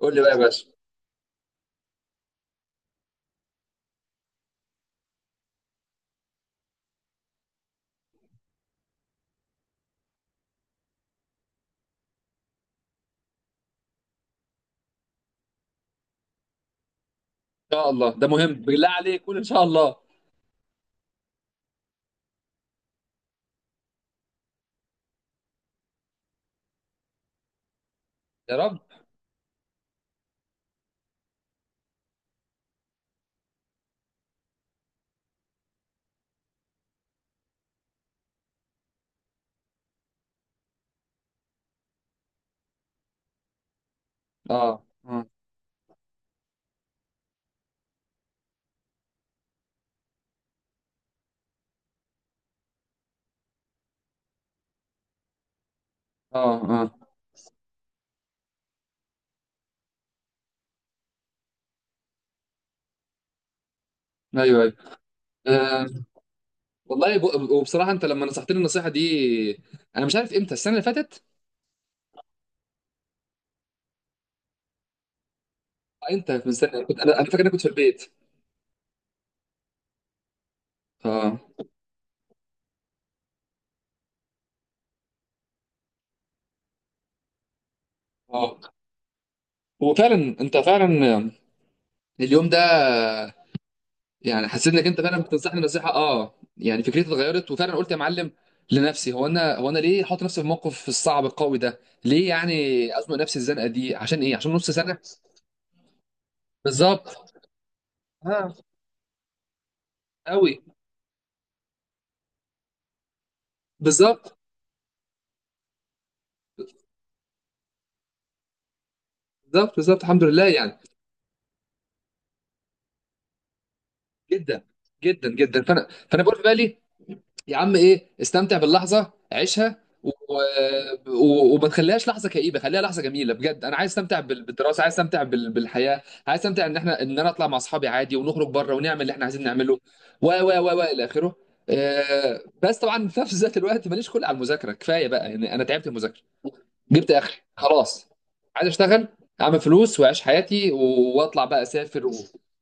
قول لي بقى يا باشا ان شاء الله، ده مهم بالله عليك، قول ان شاء الله. يا رب. اه اه اه اه. ايوه. آه. والله، وبصراحه انت لما نصحتني النصيحه دي، انا مش عارف امتى، السنه اللي فاتت. آه، انت من السنه، كنت انا فاكر اني كنت في البيت. اه اه وفعلا انت فعلا اليوم ده يعني حسيت انك انت فعلا بتنصحني نصيحه. اه يعني فكرتي اتغيرت وفعلا قلت يا معلم لنفسي، هو انا، هو انا ليه احط نفسي في الموقف الصعب القوي ده؟ ليه يعني ازنق نفسي الزنقه دي؟ عشان ايه؟ عشان نص سنه. بالظبط. اه قوي. بالظبط بالظبط. بالظبط الحمد لله يعني. جدا جدا جدا. فانا بقول في بالي، يا عم ايه، استمتع باللحظه، عيشها، وما تخليهاش لحظه كئيبه، خليها لحظه جميله بجد. انا عايز استمتع بالدراسه، عايز استمتع بالحياه، عايز استمتع ان احنا، ان انا اطلع مع اصحابي عادي ونخرج بره ونعمل اللي احنا عايزين نعمله و الى اخره. آه، بس طبعا في نفس ذات الوقت ماليش خلق على المذاكره، كفايه بقى يعني، انا تعبت من المذاكره، جبت اخري خلاص. عايز اشتغل، اعمل فلوس واعيش حياتي واطلع بقى اسافر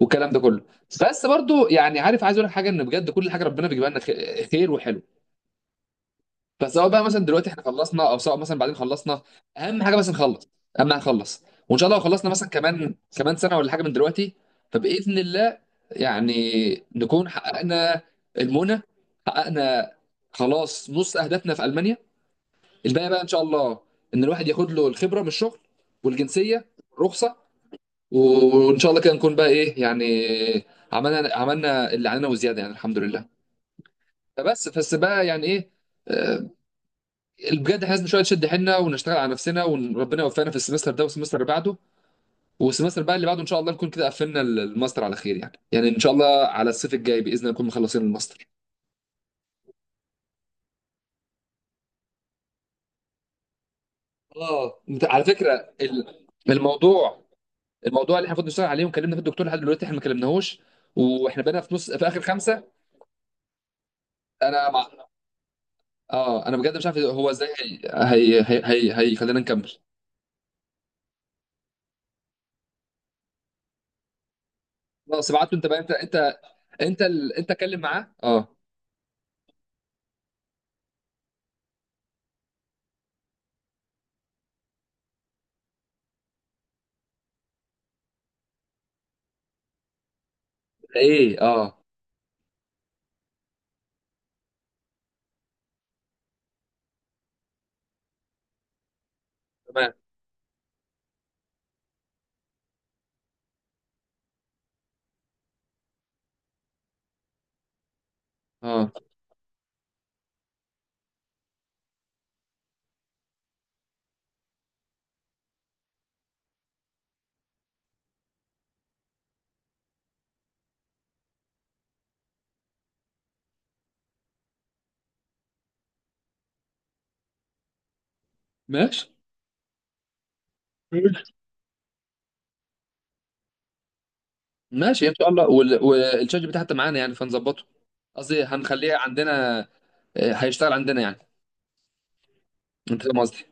والكلام ده كله. بس برضو يعني عارف، عايز اقول لك حاجه، ان بجد كل حاجه ربنا بيجيبها لنا خير وحلو. فسواء بقى مثلا دلوقتي احنا خلصنا او سواء مثلا بعدين خلصنا، اهم حاجه بس نخلص، اهم حاجه نخلص. وان شاء الله لو خلصنا مثلا كمان كمان سنه ولا حاجه من دلوقتي، فباذن الله يعني نكون حققنا المنى، حققنا خلاص نص اهدافنا في المانيا. الباقي بقى ان شاء الله، ان الواحد ياخد له الخبره من الشغل، والجنسيه، رخصه. وان شاء الله كده نكون بقى ايه يعني، عملنا، عملنا اللي علينا وزياده يعني الحمد لله. فبس بقى يعني ايه. آه، بجد احنا لازم شويه نشد حيلنا ونشتغل على نفسنا وربنا يوفقنا في السمستر ده والسمستر اللي بعده، والسمستر بقى اللي بعده ان شاء الله نكون كده قفلنا الماستر على خير. يعني يعني ان شاء الله على الصيف الجاي باذن الله نكون مخلصين الماستر. اه انت على فكره، الموضوع، الموضوع اللي احنا المفروض نشتغل عليه وكلمنا فيه الدكتور لحد دلوقتي احنا ما كلمناهوش، واحنا بقينا في نص، في اخر خمسه. انا مع... اه انا بجد مش عارف هو ازاي. هيخلينا نكمل. خلاص ابعته انت بقى، انت انت ال... انت اتكلم معاه. اه، ايه، اه. تمام. اه، ماشي ماشي، ان شاء الله. والشات GPT حتى معانا يعني فنظبطه، قصدي هنخليه عندنا. آه، هيشتغل عندنا يعني. انت فاهم قصدي.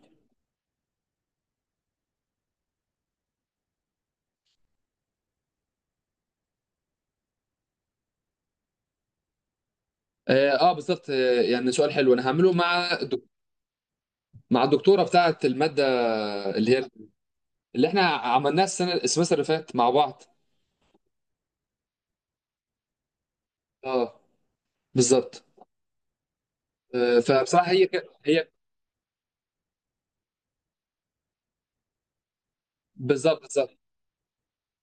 اه. آه، بالظبط. آه، يعني سؤال حلو. انا هعمله مع مع الدكتوره بتاعه الماده، اللي هي اللي احنا عملناها السنه، السمستر اللي فات مع بعض. اه بالظبط. آه، فبصراحه هي هي. بالظبط بالظبط.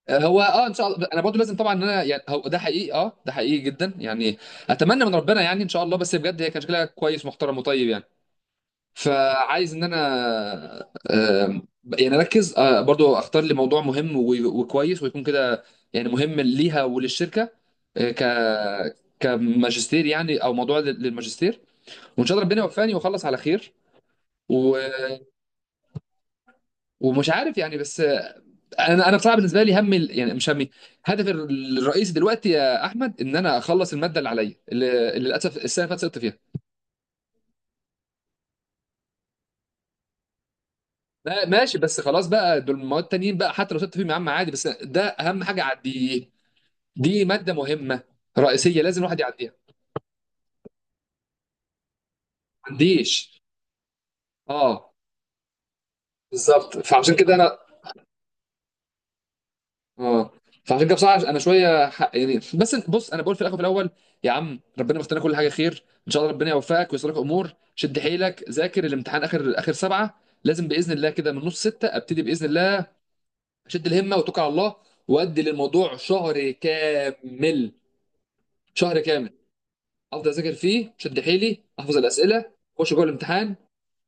آه، هو اه ان شاء الله انا برضه لازم طبعا ان انا يعني، هو ده حقيقي، اه ده حقيقي جدا يعني. اتمنى من ربنا يعني ان شاء الله، بس بجد هي كان شكلها كويس، محترم وطيب يعني. فعايز ان انا آه، يعني اركز، آه، برضه اختار لي موضوع مهم وكويس ويكون كده يعني مهم ليها وللشركه. آه، ك كماجستير يعني، او موضوع للماجستير. وان شاء الله ربنا يوفقني واخلص على خير و... ومش عارف يعني بس. انا بصراحه بالنسبه لي، همي يعني، مش همي، هدفي الرئيسي دلوقتي يا احمد، ان انا اخلص الماده اللي عليا، اللي للاسف السنه اللي فاتت سقطت فيها. ماشي، بس خلاص بقى دول المواد التانيين بقى حتى لو سقطت فيهم يا عم عادي، بس ده اهم حاجه اعديه. دي ماده مهمه رئيسيه لازم الواحد يعديها. ما عنديش. اه بالظبط. فعشان كده انا اه فعشان كده بصراحه انا شويه حق يعني. بس بص، انا بقول في الاخر وفي الاول، يا عم ربنا مختار كل حاجه خير، ان شاء الله ربنا يوفقك ويسر لك امور. شد حيلك ذاكر الامتحان، اخر اخر سبعه لازم باذن الله، كده من نص سته ابتدي باذن الله، اشد الهمه واتوكل على الله وادي للموضوع شهر كامل. شهر كامل افضل اذاكر فيه، شد حيلي احفظ الاسئله، اخش جوه الامتحان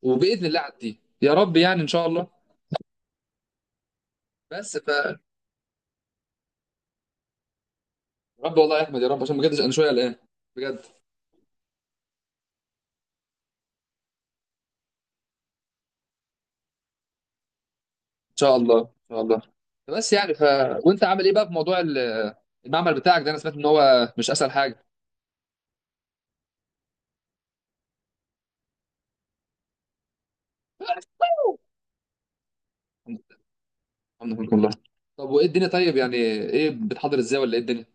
وباذن الله اعدي يا رب يعني ان شاء الله. بس ف يا رب والله يا احمد يا رب، عشان بجد انا شويه قلقان بجد. شاء الله ان شاء الله، بس يعني ف. وانت عامل ايه بقى في موضوع المعمل بتاعك ده؟ انا سمعت ان هو مش اسهل حاجه. الحمد لله والله. طب وايه الدنيا طيب؟ يعني ايه بتحضر ازاي ولا ايه الدنيا؟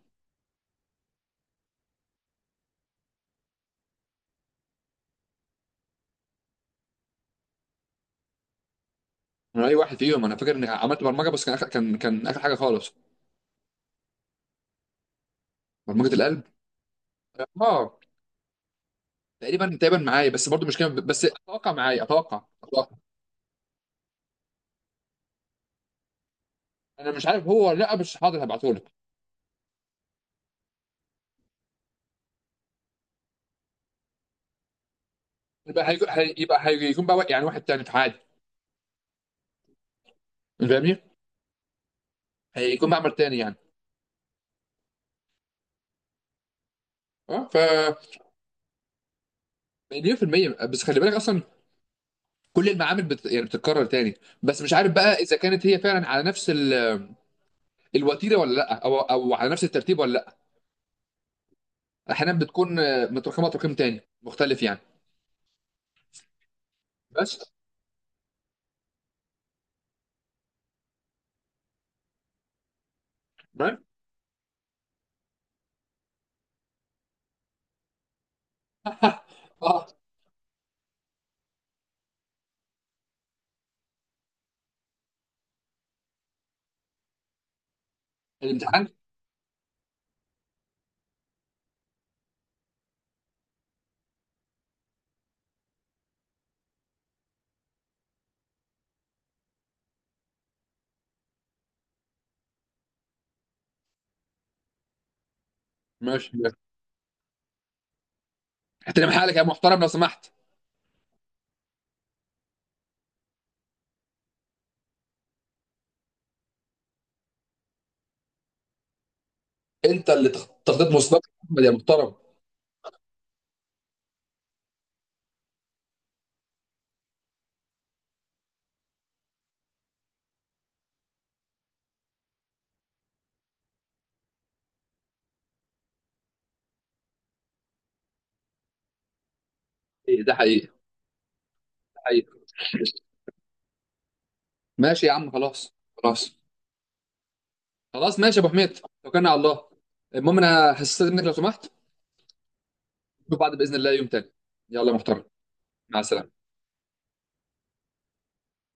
انا اي واحد فيهم انا فاكر اني عملت برمجه، بس كان آخر، كان كان اخر حاجه خالص. برمجه القلب. اه. تقريبا تقريبا معايا بس برضو مش كام، بس اتوقع معايا اتوقع اتوقع. انا مش عارف هو ولا لا، مش حاضر، هبعته لك. يبقى هيكون يبقى هيكون بقى يعني واحد تاني في عادي. فاهمني. هيكون معمل تاني يعني. اه ف مليون في المية. بس خلي بالك اصلا كل المعامل يعني بتتكرر تاني. بس مش عارف بقى اذا كانت هي فعلا على نفس ال... الوتيره ولا لا، او او على نفس الترتيب ولا لا. احيانا بتكون آه، متراكمه تراكم تاني مختلف يعني. بس. تمام. اه. الامتحان. ماشي ماشي. احترم حالك يا محترم لو سمحت. انت اللي تخطيط مسبق احمد يا محترم. ايه ده حقيقي، ده حقيقي. ماشي يا عم خلاص. خلاص خلاص. ماشي يا ابو حميد. توكلنا على الله. المهم انا هستاذنك لو سمحت. نشوف بعض باذن الله يوم تاني. يلا يا محترم. مع السلامه.